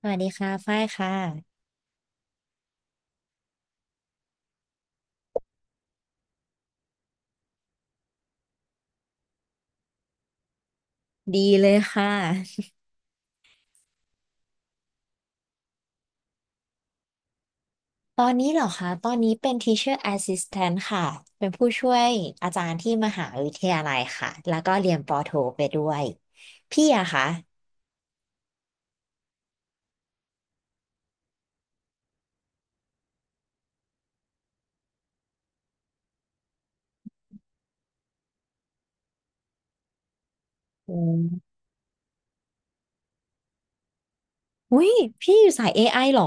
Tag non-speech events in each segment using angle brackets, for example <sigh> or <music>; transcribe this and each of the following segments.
สวัสดีค่ะฝ้ายค่ะดีเลยค่ะตอนนี้เหรอคะตอนนี้เป็น Teacher Assistant ค่ะเป็นผู้ช่วยอาจารย์ที่มหาวิทยาลัยค่ะแล้วก็เรียนปอโทไปด้วยพี่อะคะอืมอุ้ยพี่อยู่สาย AI เหรอ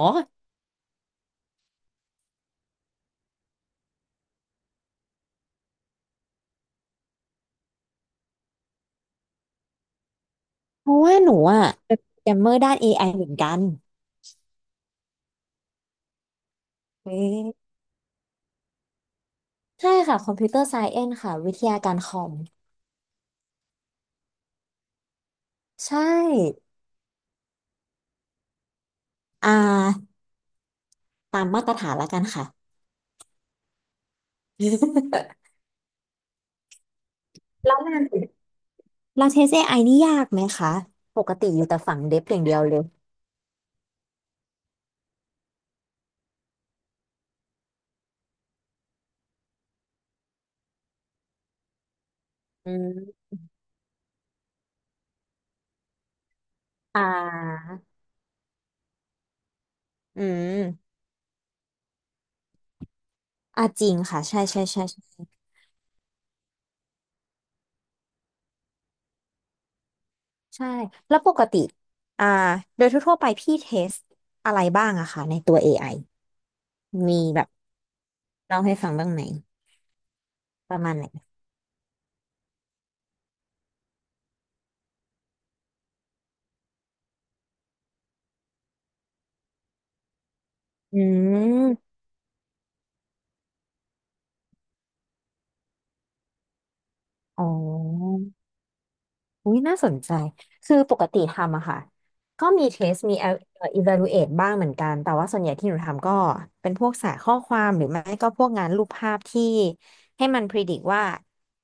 เพราะว่าหนูอะเป็นโปรแกรมเมอร์ด้าน AI เหมือนกันเอ๊ะใช่ค่ะ Computer Science ค่ะวิทยาการคอมใช่อ่าตามมาตรฐานแล้วกันค่ะ <laughs> แล้วงาน เราเทส AI นี่ยากไหมคะ ปกติอยู่แต่ฝั่งเดฟอย่างเดียวเลยอืมอ่า อืมจริงค่ะ ใช่ใช่ใช่ใช่ใช่แล้วปกติ อ่า โดยทั่วๆไปพี่เทสอะไรบ้างอะคะในตัว AI มีแบบเล่าให้ฟังบ้างไหมประมาณไหน อืมอ๋อ อุ้ยน่าสนใจคือปกติทำอะค่ะก็มีเทส มี evaluate บ้างเหมือนกันแต่ว่าส่วนใหญ่ที่หนูทำก็เป็นพวกสายข้อความหรือไม่ก็พวกงานรูปภาพที่ให้มัน predict ว่า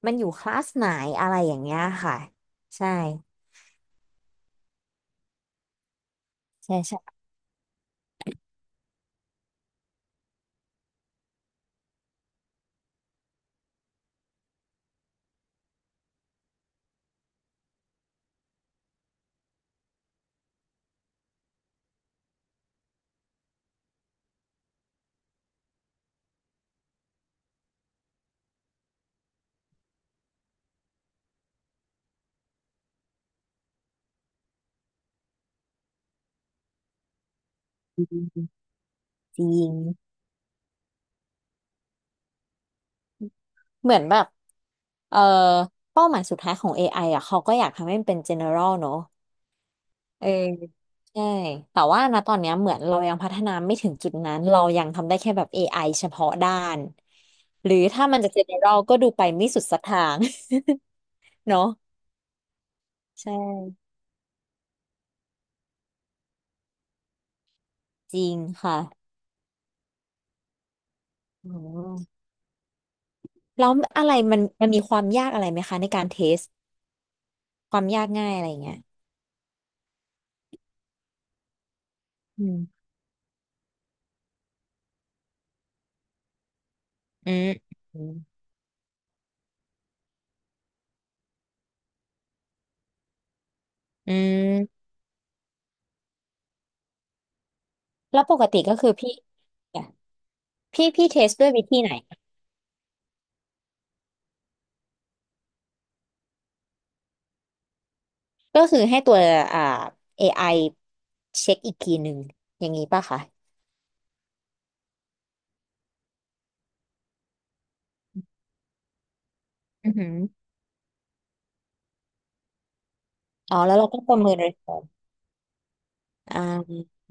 มันอยู่คลาสไหนอะไรอย่างเงี้ยค่ะใช่ใช่ใช่จริงเหมือนแบบเอ่อเป้าหมายสุดท้ายของ AI อไออะเขาก็อยากทำให้มันเป็น general เนอะ เออใช่แต่ว่านะตอนเนี้ยเหมือนเรายังพัฒนาไม่ถึงจุดนั้นเรายังทำได้แค่แบบ AI เฉพาะด้านหรือถ้ามันจะ general ก็ดูไปไม่สุดสักทาง <laughs> เนาะใช่จริงค่ะอืมแล้วอะไรมันมีความยากอะไรไหมคะในการเทสความยากง่ายอะไรอย่างเงี้ยอืมอืมอืมอืมแล้วปกติก็คือเนี่ยพี่เทสด้วยวิธีไหนก็คือให้ตัวอ่า AI เช็คอีกทีหนึ่งอย่างนี้ป่ะคะอือหือ อ๋อแล้วเราก็ประเมิน response อ่า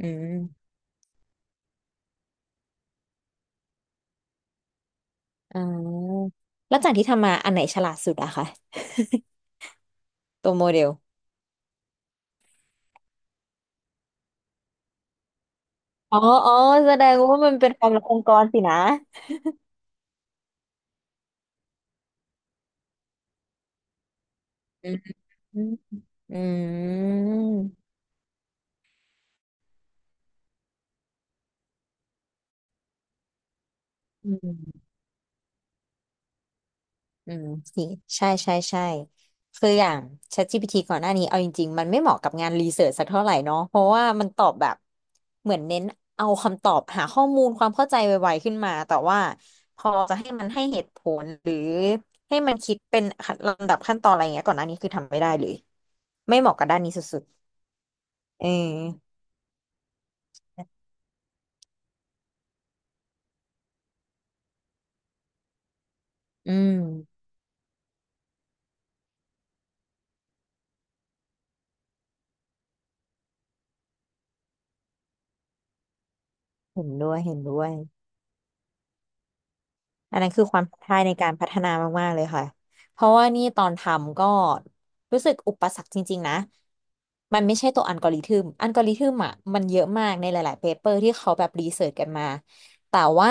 อืมอ่าแล้วจากที่ทำมาอันไหนฉลาดสุดอะคะตัวโมเดลอ๋อ อ๋อแสดงว่ามันเป็นความลับองค์กรสินะ อืม อืมอืม อืม <laughs> สิใช่ใช่ใช่คืออย่าง ChatGPT ก่อนหน้านี้เอาจริงๆมันไม่เหมาะกับงานรีเสิร์ชสักเท่าไหร่เนาะเพราะว่ามันตอบแบบเหมือนเน้นเอาคำตอบหาข้อมูลความเข้าใจไวๆขึ้นมาแต่ว่าพอจะให้มันให้เหตุผลหรือให้มันคิดเป็นลำดับขั้นตอนอะไรเงี้ยก่อนหน้านี้คือทำไม่ได้เลยไม่เหมาะกับด้านนี้สุดๆอืมเห็นด้วยเห็นด้วย อันนั้นคือความท้าทายในการพัฒนามากๆเลยค่ะเพราะว่านี่ตอนทำก็รู้สึกอุปสรรคจริงๆนะ มันไม่ใช่ตัวอัลกอริทึมอ่ะมันเยอะมากในหลายๆเปเปอร์ที่เขาแบบรีเสิร์ชกันมา แต่ว่า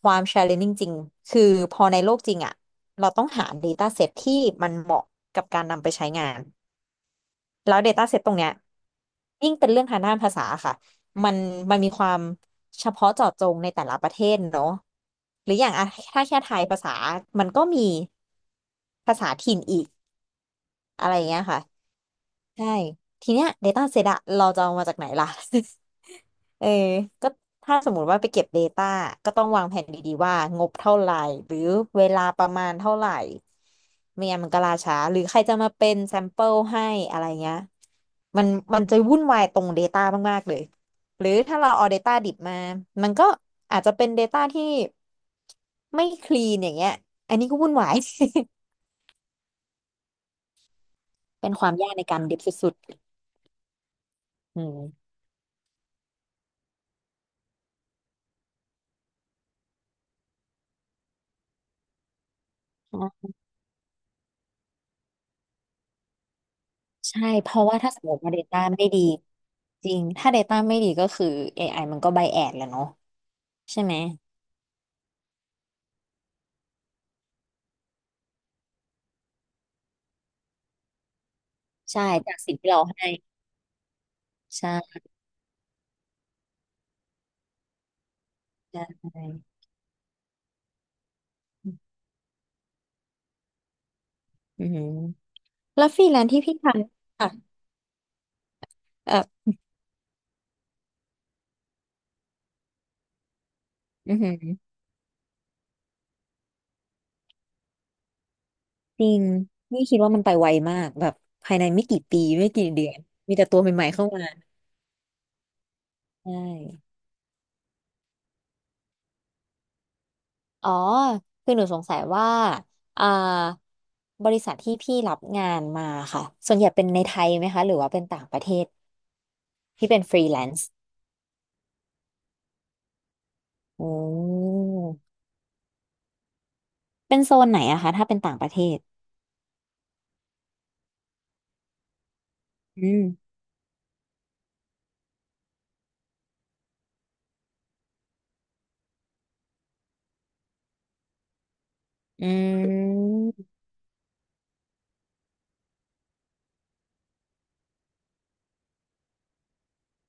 ความ challenging จริงคือพอในโลกจริงอ่ะเราต้องหา data set ที่มันเหมาะกับการนำไปใช้งาน แล้ว Data Set ตรงเนี้ยยิ่งเป็นเรื่องทางด้านภาษาค่ะมันมันมีความเฉพาะเจาะจงในแต่ละประเทศเนอะหรืออย่างอะถ้าแค่ไทยภาษามันก็มีภาษาถิ่นอีกอะไรอย่างเงี้ยค่ะใช่ทีเนี้ย Data Set อะเราจะเอามาจากไหนล่ะ <laughs> เออก็ถ้าสมมุติว่าไปเก็บ Data ก็ต้องวางแผนดีๆว่างบเท่าไหร่หรือเวลาประมาณเท่าไหร่ไม่งั้นมันก็ล่าช้าหรือใครจะมาเป็นแซมเปิลให้อะไรเงี้ยมันมันจะวุ่นวายตรง Data มากๆเลยหรือถ้าเราเอา Data ดิบมามันก็อาจจะเป็น Data ที่ไม่คลีนอย่างเงี้ยอันนี้ก็วุ่นวาย <laughs> เป็นความยากในการดิบสุดๆอืม ใช่เพราะว่าถ้าสมมติว่า Data ไม่ดีจริงถ้า Data ไม่ดีก็คือ AI มันก็ไบแอดแหละเนาะใช่ไหมใช่จากสิ่งที่เราให้ใช่ใช่อือหือแล้วฟรีแลนซ์ที่พี่ทำค่ะแบบอือหือจริงนี่คิดว่ามันไปไวมากแบบภายในไม่กี่ปีไม่กี่เดือนมีแต่ตัวใหม่ๆเข้ามาใช่อ๋อคือหนูสงสัยว่าอ่าบริษัทที่พี่รับงานมาค่ะส่วนใหญ่เป็นในไทยไหมคะหรือว่าเป็นต่างประเทศที่เป็นฟรีแลนซ์ โอ้เป็นโซนไหนอะคะถ้าเป็นต่างประเทศ อืม อืม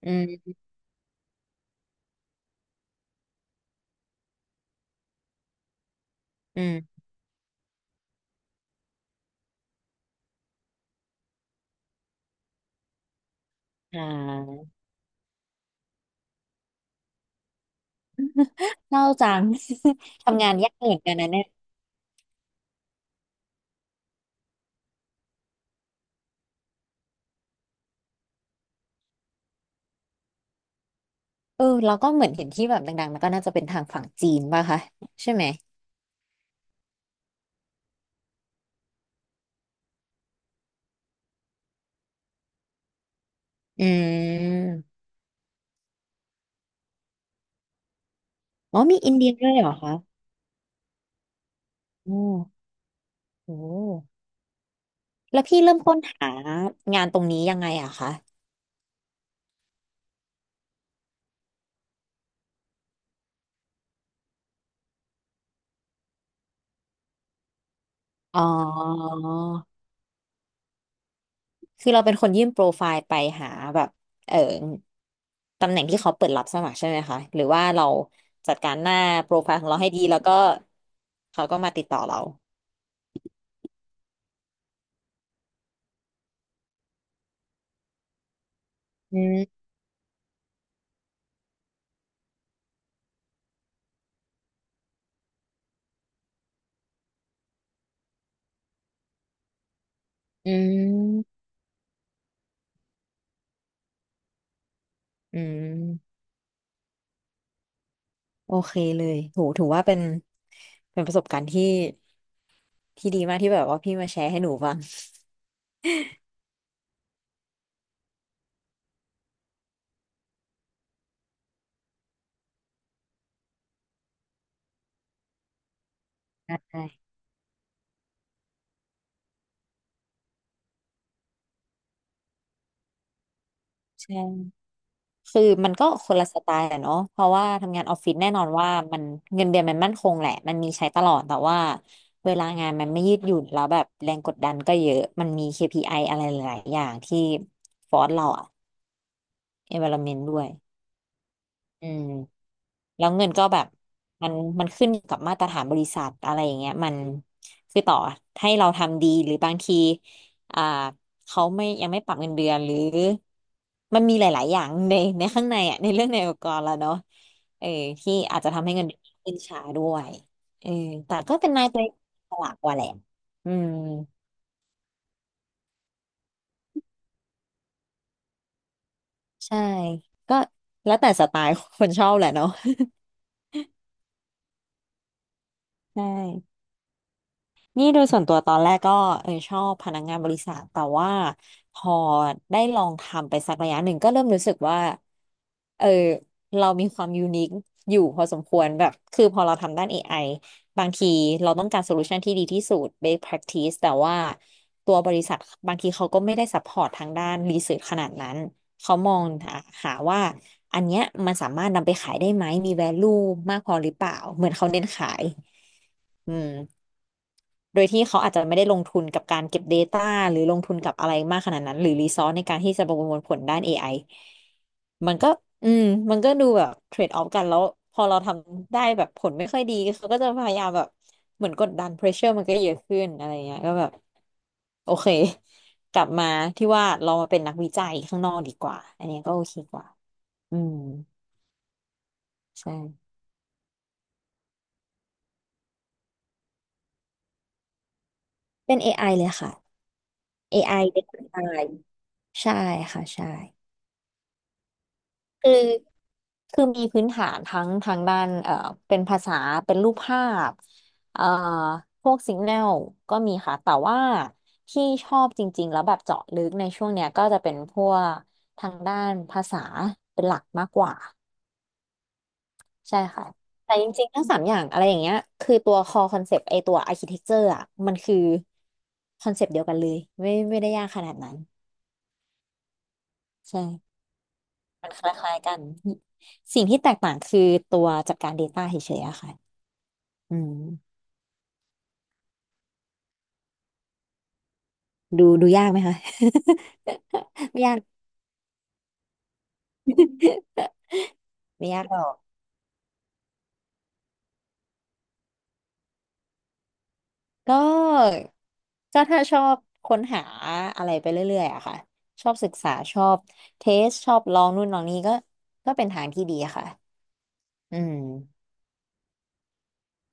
อืมอืมอ่าเศร้าจัง <laughs> ทำงานยากเหมือนกันนะเนี่ยเออเราก็เหมือนเห็นที่แบบดังๆนันก็น่าจะเป็นทางฝั่งจีนป่ะคะใช่ไหม อืมอ๋อมีอินเดียด้วยเหรอคะโอ้โหแล้วพี่เริ่มค้นหางานตรงนี้ยังไงอะคะ อ๋อ คือเราเป็นคนยื่นโปรไฟล์ไปหาแบบเออตำแหน่งที่เขาเปิดรับสมัครใช่ไหมคะหรือว่าเราจัดการหน้าโปรไฟล์ของเราให้ดีแล้วก็เขาก็มาติดต่อเราอืมอืมอืมโอเคเลยโหถือว่าเป็นประสบการณ์ที่ดีมากที่แบบว่าพี่มาแชร์ให้หนูฟังใช้ใช่ คือมันก็คนละสไตล์อะเนาะเพราะว่าทำงานออฟฟิศแน่นอนว่ามันเงินเดือนมันมั่นคงแหละมันมีใช้ตลอดแต่ว่าเวลางานมันไม่ยืดหยุ่นแล้วแบบแรงกดดันก็เยอะมันมี KPI ออะไรหลายๆอย่างที่ฟอร์สเราอะ environment ด้วย อืมแล้วเงินก็แบบมันมันขึ้นกับมาตรฐานบริษัทอะไรอย่างเงี้ยมันคือต่อให้เราทำดีหรือบางทีอ่าเขาไม่ยังไม่ปรับเงินเดือนหรือมันมีหลายๆอย่างในข้างในอ่ะในเรื่องในองค์กรแล้วเนาะเออที่อาจจะทำให้เงินเดือนขึ้นช้าด้วยเออแต่ก็เป็นนายตัวฉลาดกว่าแหละอืมใช่ก็แล้วแต่สไตล์คนชอบแหละเนาะใช่ นี่โดยส่วนตัวตอนแรกก็ชอบพนักงานบริษัทแต่ว่าพอได้ลองทำไปสักระยะหนึ่งก็เริ่มรู้สึกว่าเออเรามีความยูนิคอยู่พอสมควรแบบคือพอเราทำด้าน AI บางทีเราต้องการโซลูชันที่ดีที่สุด best practice แต่ว่าตัวบริษัทบางทีเขาก็ไม่ได้ซัพพอร์ตทางด้านรีเสิร์ชขนาดนั้นเขามองหาว่าอันเนี้ยมันสามารถนำไปขายได้ไหมมี value มากพอหรือเปล่าเหมือนเขาเน้นขายอืม โดยที่เขาอาจจะไม่ได้ลงทุนกับการเก็บ Data หรือลงทุนกับอะไรมากขนาดนั้นหรือรีซอสในการที่จะประมวลผลด้าน AI มันก็อืมมันก็ดูแบบเทรดออฟกันแล้วพอเราทำได้แบบผลไม่ค่อยดีเขาก็จะพยายามแบบเหมือนกดดัน pressure มันก็เยอะขึ้นอะไรเงี้ยก็แบบโอเคกลับมาที่ว่าเรามาเป็นนักวิจัยข้างนอกดีกว่าอันเนี้ยก็โอเคกว่าอืมใช่เป็นเอไอเลยค่ะเอไอเป็นคนตายใช่ค่ะใช่คือ คือมีพื้นฐานทั้งทางด้านเป็นภาษาเป็นรูปภาพเอ่อพวกสิกแนลก็มีค่ะ แต่ว่าที่ชอบจริงๆแล้วแบบเจาะลึกในช่วงเนี้ยก็จะเป็นพวกทางด้านภาษาเป็นหลักมากกว่าใช่ค่ะ แต่จริงๆทั้งสามอย่างอะไรอย่างเงี้ยคือตัว core concept ไอตัว architecture อ่ะมันคือคอนเซปต์เดียวกันเลยไม่ได้ยากขนาดนั้นใช่มันคล้ายๆกันสิ่งที่แตกต่างคือตัวจัดการ Data เฉยๆอะค่ะอืม ดูยากไหมคะ <laughs> ไม่ยาก <laughs> ไม่ยากหรอกก็ก็ถ้าชอบค้นหาอะไรไปเรื่อยๆอะค่ะชอบศึกษาชอบเทสชอบลองนู่นลองนี่ก็ก็เป็นทางที่ดีอะค่ะอืม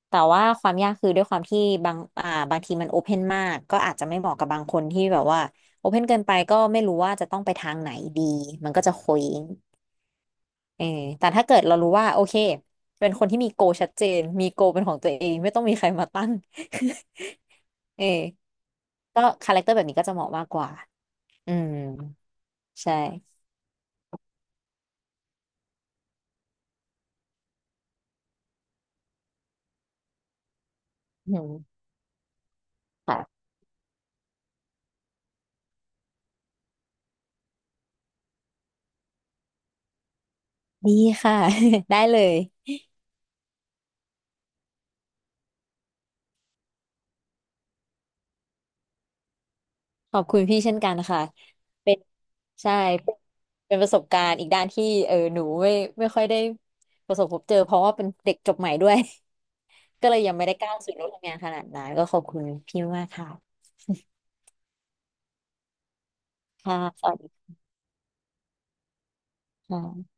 แต่ว่าความยากคือด้วยความที่บางทีมันโอเพนมากก็อาจจะไม่เหมาะกับบางคนที่แบบว่าโอเพนเกินไปก็ไม่รู้ว่าจะต้องไปทางไหนดีมันก็จะเคว้ง เออแต่ถ้าเกิดเรารู้ว่าโอเคเป็นคนที่มีโกชัดเจนมีโกเป็นของตัวเองไม่ต้องมีใครมาตั้ง <laughs> เออก็คาแรคเตอร์แบบนี้ก็จะเหมาะมากกว่าอืมใช่อืมค่ะ <laughs> ดีค่ะ <laughs> ได้เลยขอบคุณพี่เช่นกันค่ะเป็นใช่เป็นประสบการณ์อีกด้านที่เออหนูไม่ไม่ค่อยได้ประสบพบเจอเพราะว่าเป็นเด็กจบใหม่ด้วย <laughs> ก็เลยยังไม่ได้ก้าวสู่โลกทำงานขนาดนั้นก็ขอบคุณพี่มากค่ะค่ะสวัสดีค่ะ